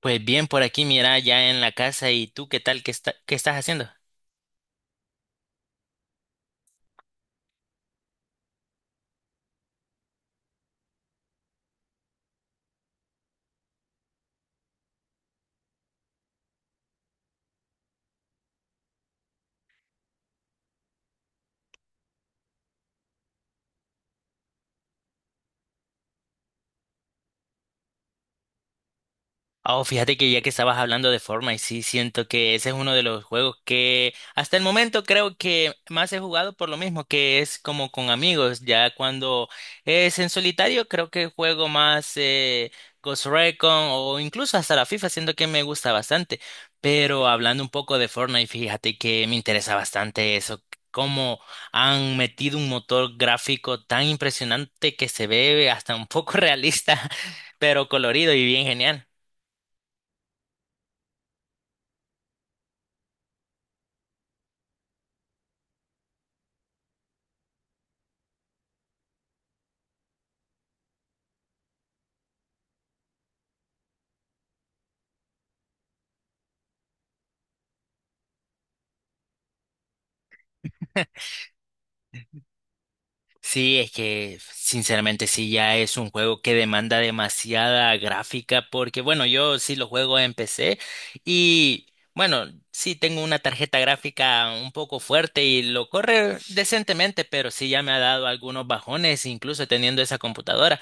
Pues bien, por aquí, mira, ya en la casa. ¿Y tú qué tal? Qué estás haciendo? Oh, fíjate que ya que estabas hablando de Fortnite, sí siento que ese es uno de los juegos que hasta el momento creo que más he jugado por lo mismo, que es como con amigos. Ya cuando es en solitario, creo que juego más Ghost Recon o incluso hasta la FIFA, siento que me gusta bastante. Pero hablando un poco de Fortnite, fíjate que me interesa bastante eso, cómo han metido un motor gráfico tan impresionante que se ve hasta un poco realista, pero colorido y bien genial. Sí, es que sinceramente sí, ya es un juego que demanda demasiada gráfica porque bueno, yo sí lo juego en PC y bueno, sí tengo una tarjeta gráfica un poco fuerte y lo corre decentemente, pero sí ya me ha dado algunos bajones, incluso teniendo esa computadora.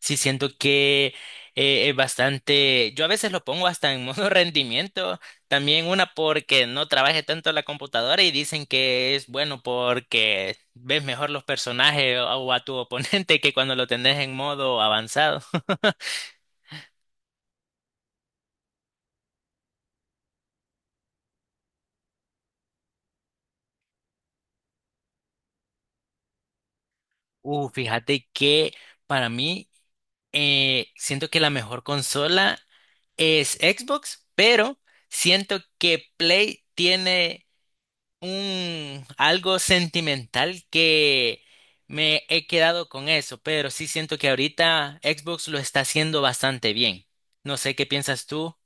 Sí siento que es bastante, yo a veces lo pongo hasta en modo rendimiento también, una porque no trabaje tanto la computadora y dicen que es bueno porque ves mejor los personajes o a tu oponente que cuando lo tenés en modo avanzado. Fíjate que para mí siento que la mejor consola es Xbox, pero siento que Play tiene un algo sentimental que me he quedado con eso, pero sí siento que ahorita Xbox lo está haciendo bastante bien. No sé qué piensas tú.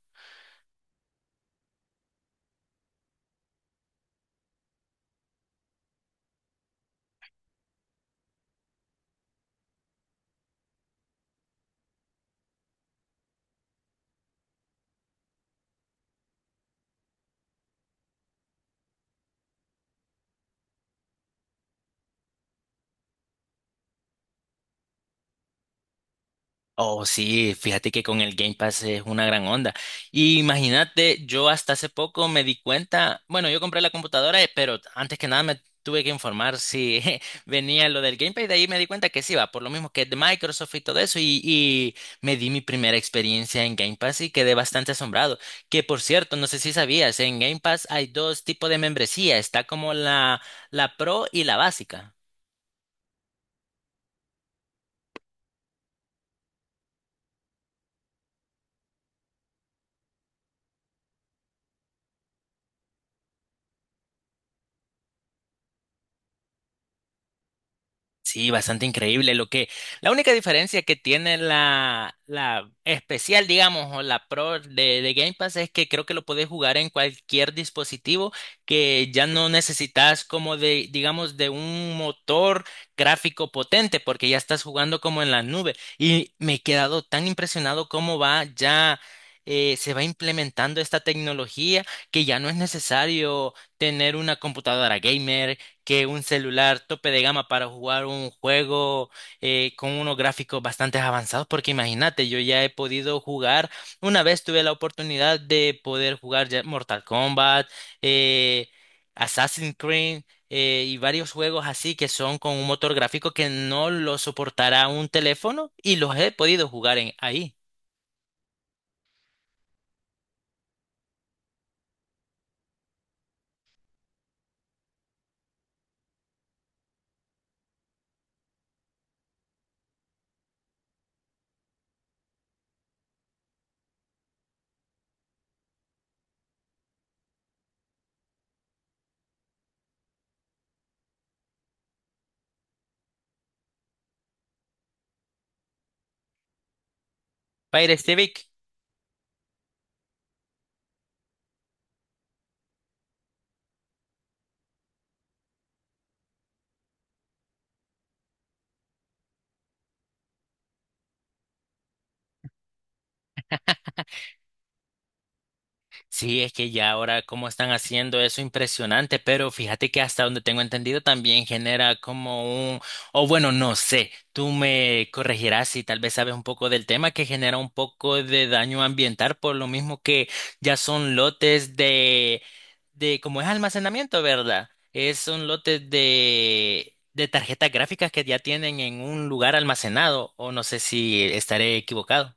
Oh, sí, fíjate que con el Game Pass es una gran onda. Y imagínate, yo hasta hace poco me di cuenta, bueno, yo compré la computadora, pero antes que nada me tuve que informar si venía lo del Game Pass, y de ahí me di cuenta que sí, va, por lo mismo que es de Microsoft y todo eso, y me di mi primera experiencia en Game Pass y quedé bastante asombrado. Que por cierto, no sé si sabías, en Game Pass hay dos tipos de membresía, está como la Pro y la básica. Sí, bastante increíble. La única diferencia que tiene la especial, digamos, o la Pro de Game Pass es que creo que lo puedes jugar en cualquier dispositivo, que ya no necesitas como de, digamos, de un motor gráfico potente, porque ya estás jugando como en la nube. Y me he quedado tan impresionado cómo va ya. Se va implementando esta tecnología que ya no es necesario tener una computadora gamer, que un celular tope de gama para jugar un juego con unos gráficos bastante avanzados, porque imagínate, yo ya he podido jugar, una vez tuve la oportunidad de poder jugar ya Mortal Kombat, eh, Assassin's Creed, y varios juegos así que son con un motor gráfico que no lo soportará un teléfono, y los he podido jugar en ahí. Pirate Civic. Sí, es que ya ahora cómo están haciendo eso impresionante, pero fíjate que hasta donde tengo entendido también genera como un, o bueno, no sé, tú me corregirás si tal vez sabes un poco del tema, que genera un poco de daño ambiental por lo mismo que ya son lotes de como es almacenamiento, ¿verdad? Es, son lotes de tarjetas gráficas que ya tienen en un lugar almacenado, o no sé si estaré equivocado.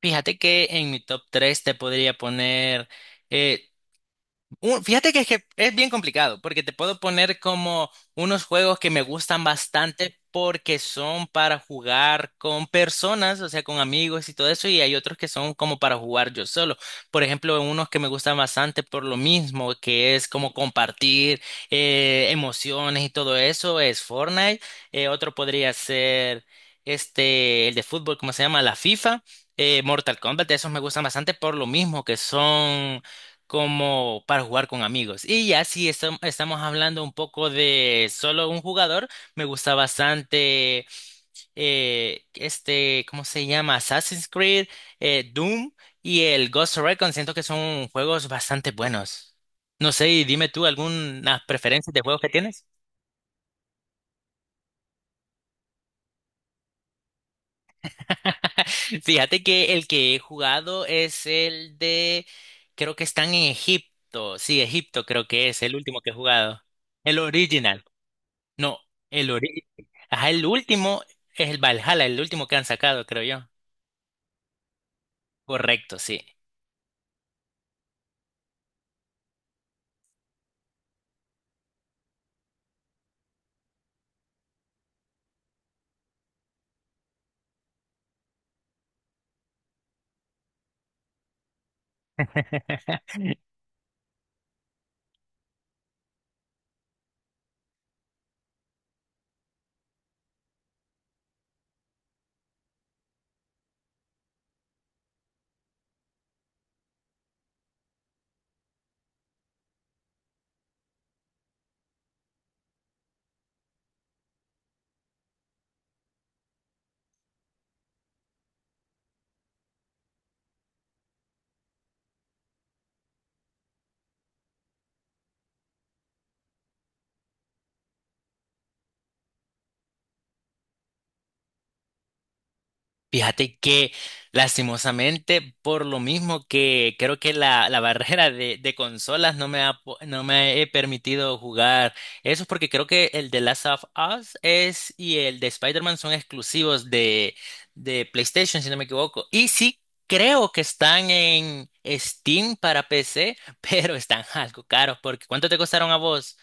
Fíjate que en mi top 3 te podría poner eh, Fíjate que es bien complicado, porque te puedo poner como unos juegos que me gustan bastante porque son para jugar con personas, o sea, con amigos y todo eso, y hay otros que son como para jugar yo solo. Por ejemplo, unos que me gustan bastante por lo mismo, que es como compartir emociones y todo eso, es Fortnite. Otro podría ser este, el de fútbol, ¿cómo se llama? La FIFA. Mortal Kombat, esos me gustan bastante por lo mismo que son como para jugar con amigos. Y ya si estamos hablando un poco de solo un jugador, me gusta bastante este, ¿cómo se llama? Assassin's Creed, Doom y el Ghost Recon. Siento que son juegos bastante buenos. No sé, y dime tú algunas preferencias de juegos que tienes. Fíjate que el que he jugado es creo que están en Egipto. Sí, Egipto creo que es el último que he jugado. El original. No, el ori- ajá, el último es el Valhalla, el último que han sacado, creo yo. Correcto, sí. Fíjate que lastimosamente, por lo mismo que creo que la barrera de consolas no me ha, no me he permitido jugar eso, es porque creo que el de Last of Us es y el de Spider-Man son exclusivos de PlayStation, si no me equivoco. Y sí, creo que están en Steam para PC, pero están algo caros, porque ¿cuánto te costaron a vos?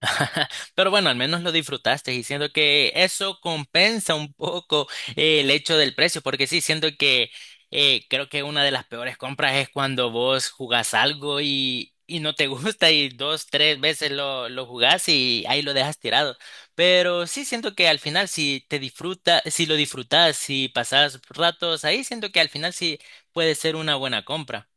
Pero bueno, al menos lo disfrutaste y siento que eso compensa un poco el hecho del precio, porque sí, siento que creo que una de las peores compras es cuando vos jugás algo y no te gusta y dos, tres veces lo jugás y ahí lo dejas tirado. Pero sí siento que al final si te disfruta, si lo disfrutas, si pasas ratos ahí, siento que al final sí puede ser una buena compra.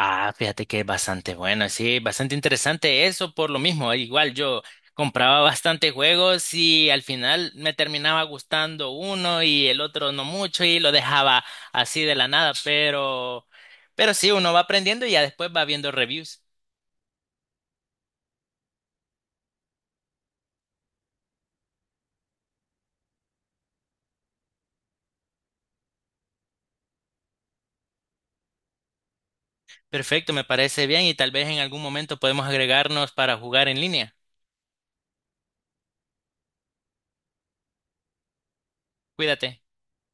Ah, fíjate que es bastante bueno, sí, bastante interesante eso por lo mismo. Igual yo compraba bastante juegos y al final me terminaba gustando uno y el otro no mucho y lo dejaba así de la nada, pero sí, uno va aprendiendo y ya después va viendo reviews. Perfecto, me parece bien y tal vez en algún momento podemos agregarnos para jugar en línea. Cuídate.